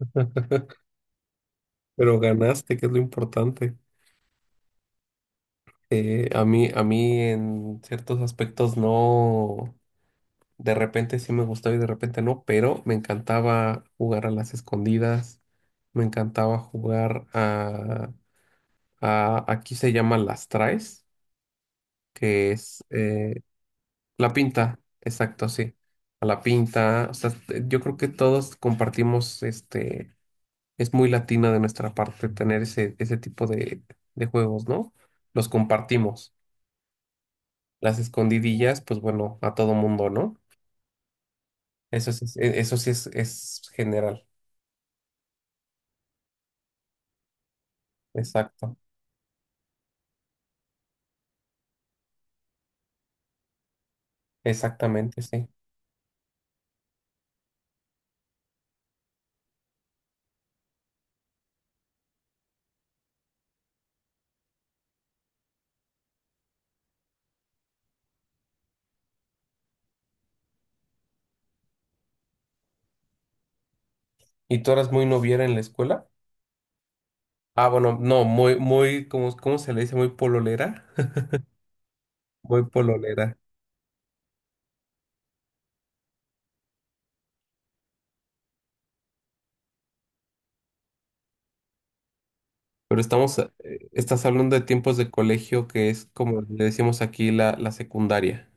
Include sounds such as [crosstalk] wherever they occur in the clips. [laughs] Pero ganaste, que es lo importante. A mí, a mí en ciertos aspectos no, de repente sí me gustaba y de repente no, pero me encantaba jugar a las escondidas, me encantaba jugar a aquí se llama las traes, que es la pinta, exacto, sí, a la pinta. O sea, yo creo que todos compartimos este es muy latina de nuestra parte tener ese tipo de juegos, ¿no? Los compartimos. Las escondidillas, pues bueno, a todo mundo, ¿no? Eso sí, eso sí es general. Exacto, exactamente, sí. ¿Y tú eras muy noviera en la escuela? Ah, bueno, no, muy, ¿cómo, cómo se le dice? Muy pololera. [laughs] Muy pololera. Pero estamos, eh, estás hablando de tiempos de colegio que es como le decimos aquí la secundaria.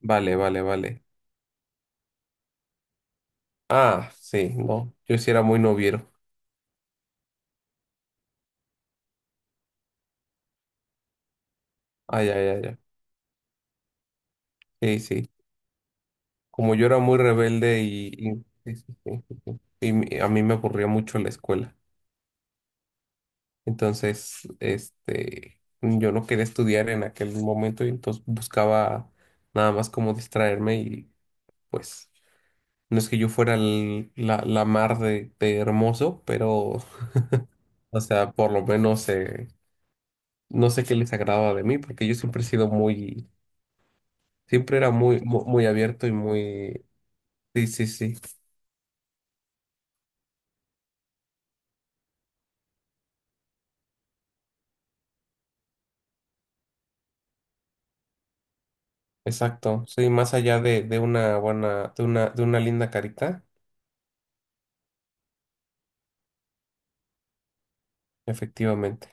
Vale, vale, vale. Ah, sí, no, yo sí era muy noviero. Ah, ya, ya, ya. Sí, sí. Como yo era muy rebelde sí, sí, sí. A mí me aburría mucho la escuela. Entonces, este, yo no quería estudiar en aquel momento y entonces buscaba nada más como distraerme y pues no es que yo fuera la mar de hermoso, pero, [laughs] o sea, por lo menos no sé qué les agradaba de mí porque yo siempre he sido muy, siempre era muy abierto y muy, sí, sí, sí. Exacto, sí, más allá de una buena, de una linda carita, efectivamente.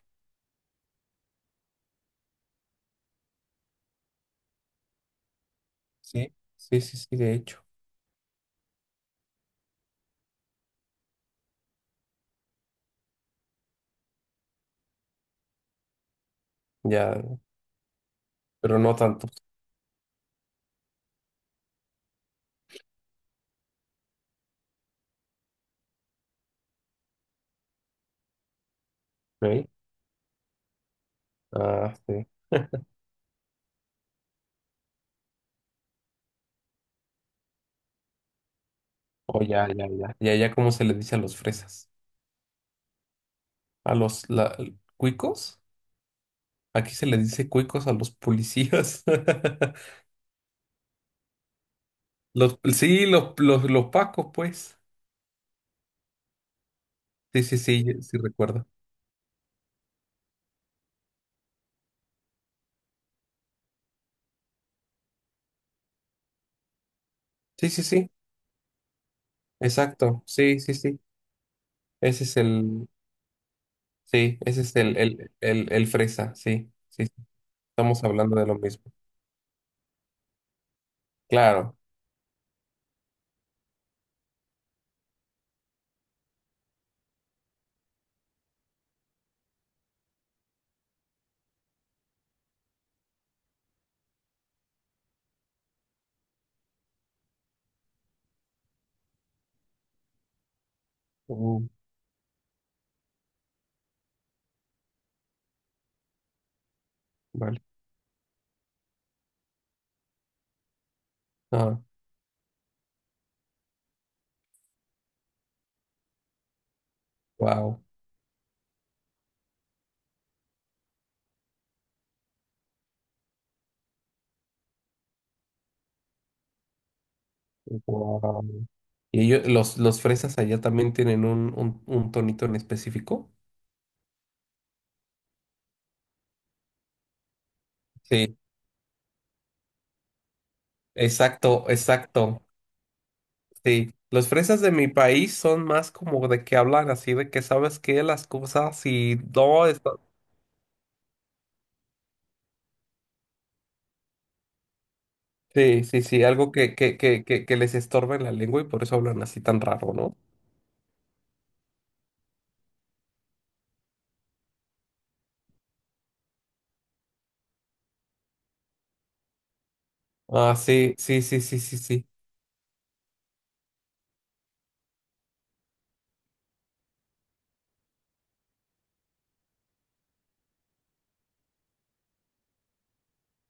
Sí, sí, sí, sí, de hecho. Ya, pero no tanto. ¿Ok? Ah, sí. [laughs] O ya, ya, ya. Ya, ya, ¿como se le dice a los fresas? A los la- Cuicos. Aquí se le dice cuicos a los policías. [laughs] Los, sí, los pacos, pues. Sí, sí, sí, sí recuerdo. Sí, sí, sí. Exacto. Sí, sí, sí. Ese es el. Sí, ese es el fresa, sí, sí, sí, estamos hablando de lo mismo. Claro. Uh, vale. Ah, wow. Wow. ¿Y ellos, los fresas allá también tienen un tonito en específico? Sí, exacto, exacto. Sí. Los fresas de mi país son más como de que hablan así, de que sabes que las cosas y no está- Sí, sí, sí, algo que les estorba en la lengua y por eso hablan así tan raro, ¿no? Ah, sí, sí, sí, sí, sí, sí.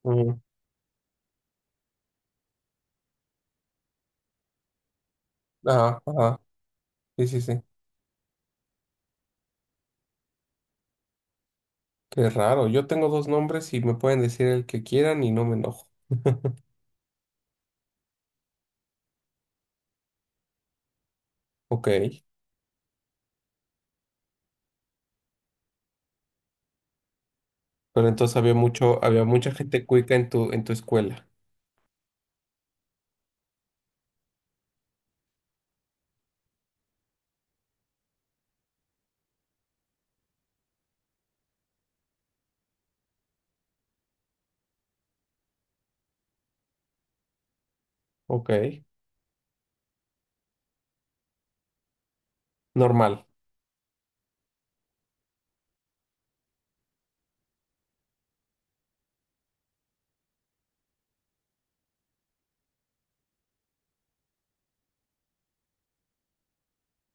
Mm. Ajá, ajá. Sí, sí, sí. Qué raro. Yo tengo dos nombres y me pueden decir el que quieran y no me enojo. [laughs] Ok. Pero entonces había mucho, había mucha gente cuica en en tu escuela. Ok. Normal.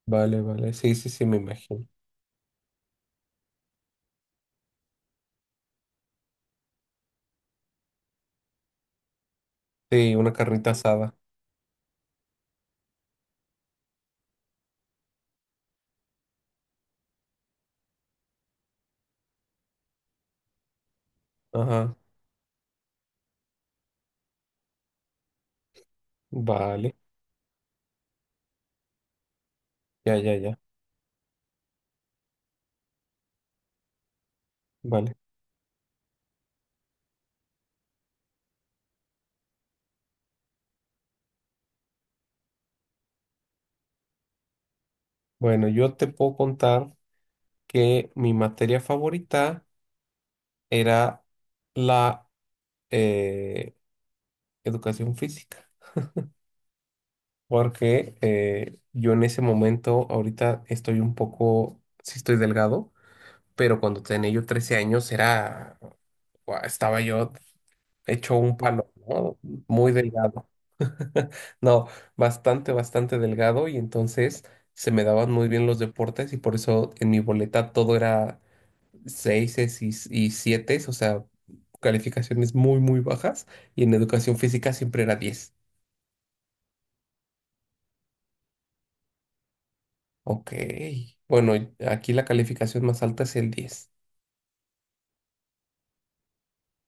Vale, vale. Sí, sí, sí, me imagino. Sí, una carnita asada. Ajá. Vale. Ya, ya, ya. Vale. Bueno, yo te puedo contar que mi materia favorita era la eh, educación física. Porque yo en ese momento, ahorita estoy un poco, sí estoy delgado, pero cuando tenía yo 13 años era, guau, estaba yo hecho un palo, ¿no? Muy delgado. [laughs] No, bastante delgado y entonces se me daban muy bien los deportes y por eso en mi boleta todo era seises y sietes, o sea, calificaciones muy bajas y en educación física siempre era 10. Ok. Bueno, y aquí la calificación más alta es el 10.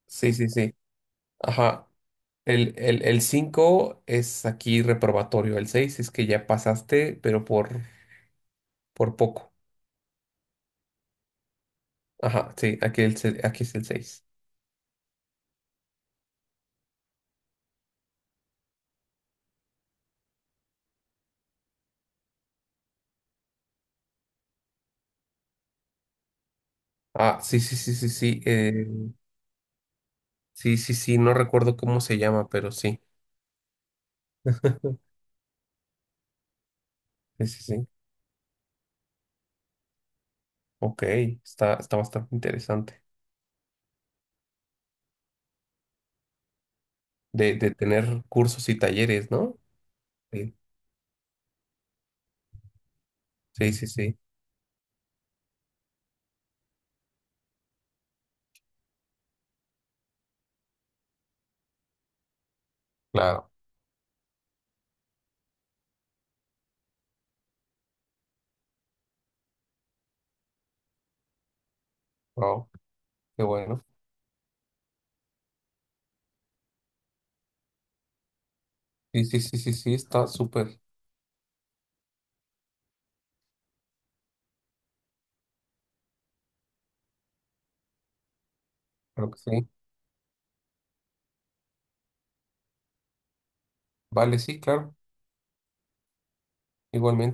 Sí, sí, sí. Ajá. El 5 es aquí reprobatorio. El 6 es que ya pasaste, pero por poco. Ajá, sí, aquí, aquí es el 6. Ah, sí, sí, sí, sí, sí. Sí, sí, sí, no recuerdo cómo se llama, pero sí. [laughs] Sí, sí, sí. Ok, está bastante interesante. De tener cursos y talleres, ¿no? Sí, sí, sí, sí. Claro. Wow, qué bueno. Sí, sí, sí, sí, sí, está súper. Claro que sí. Vale, sí, claro. Igualmente.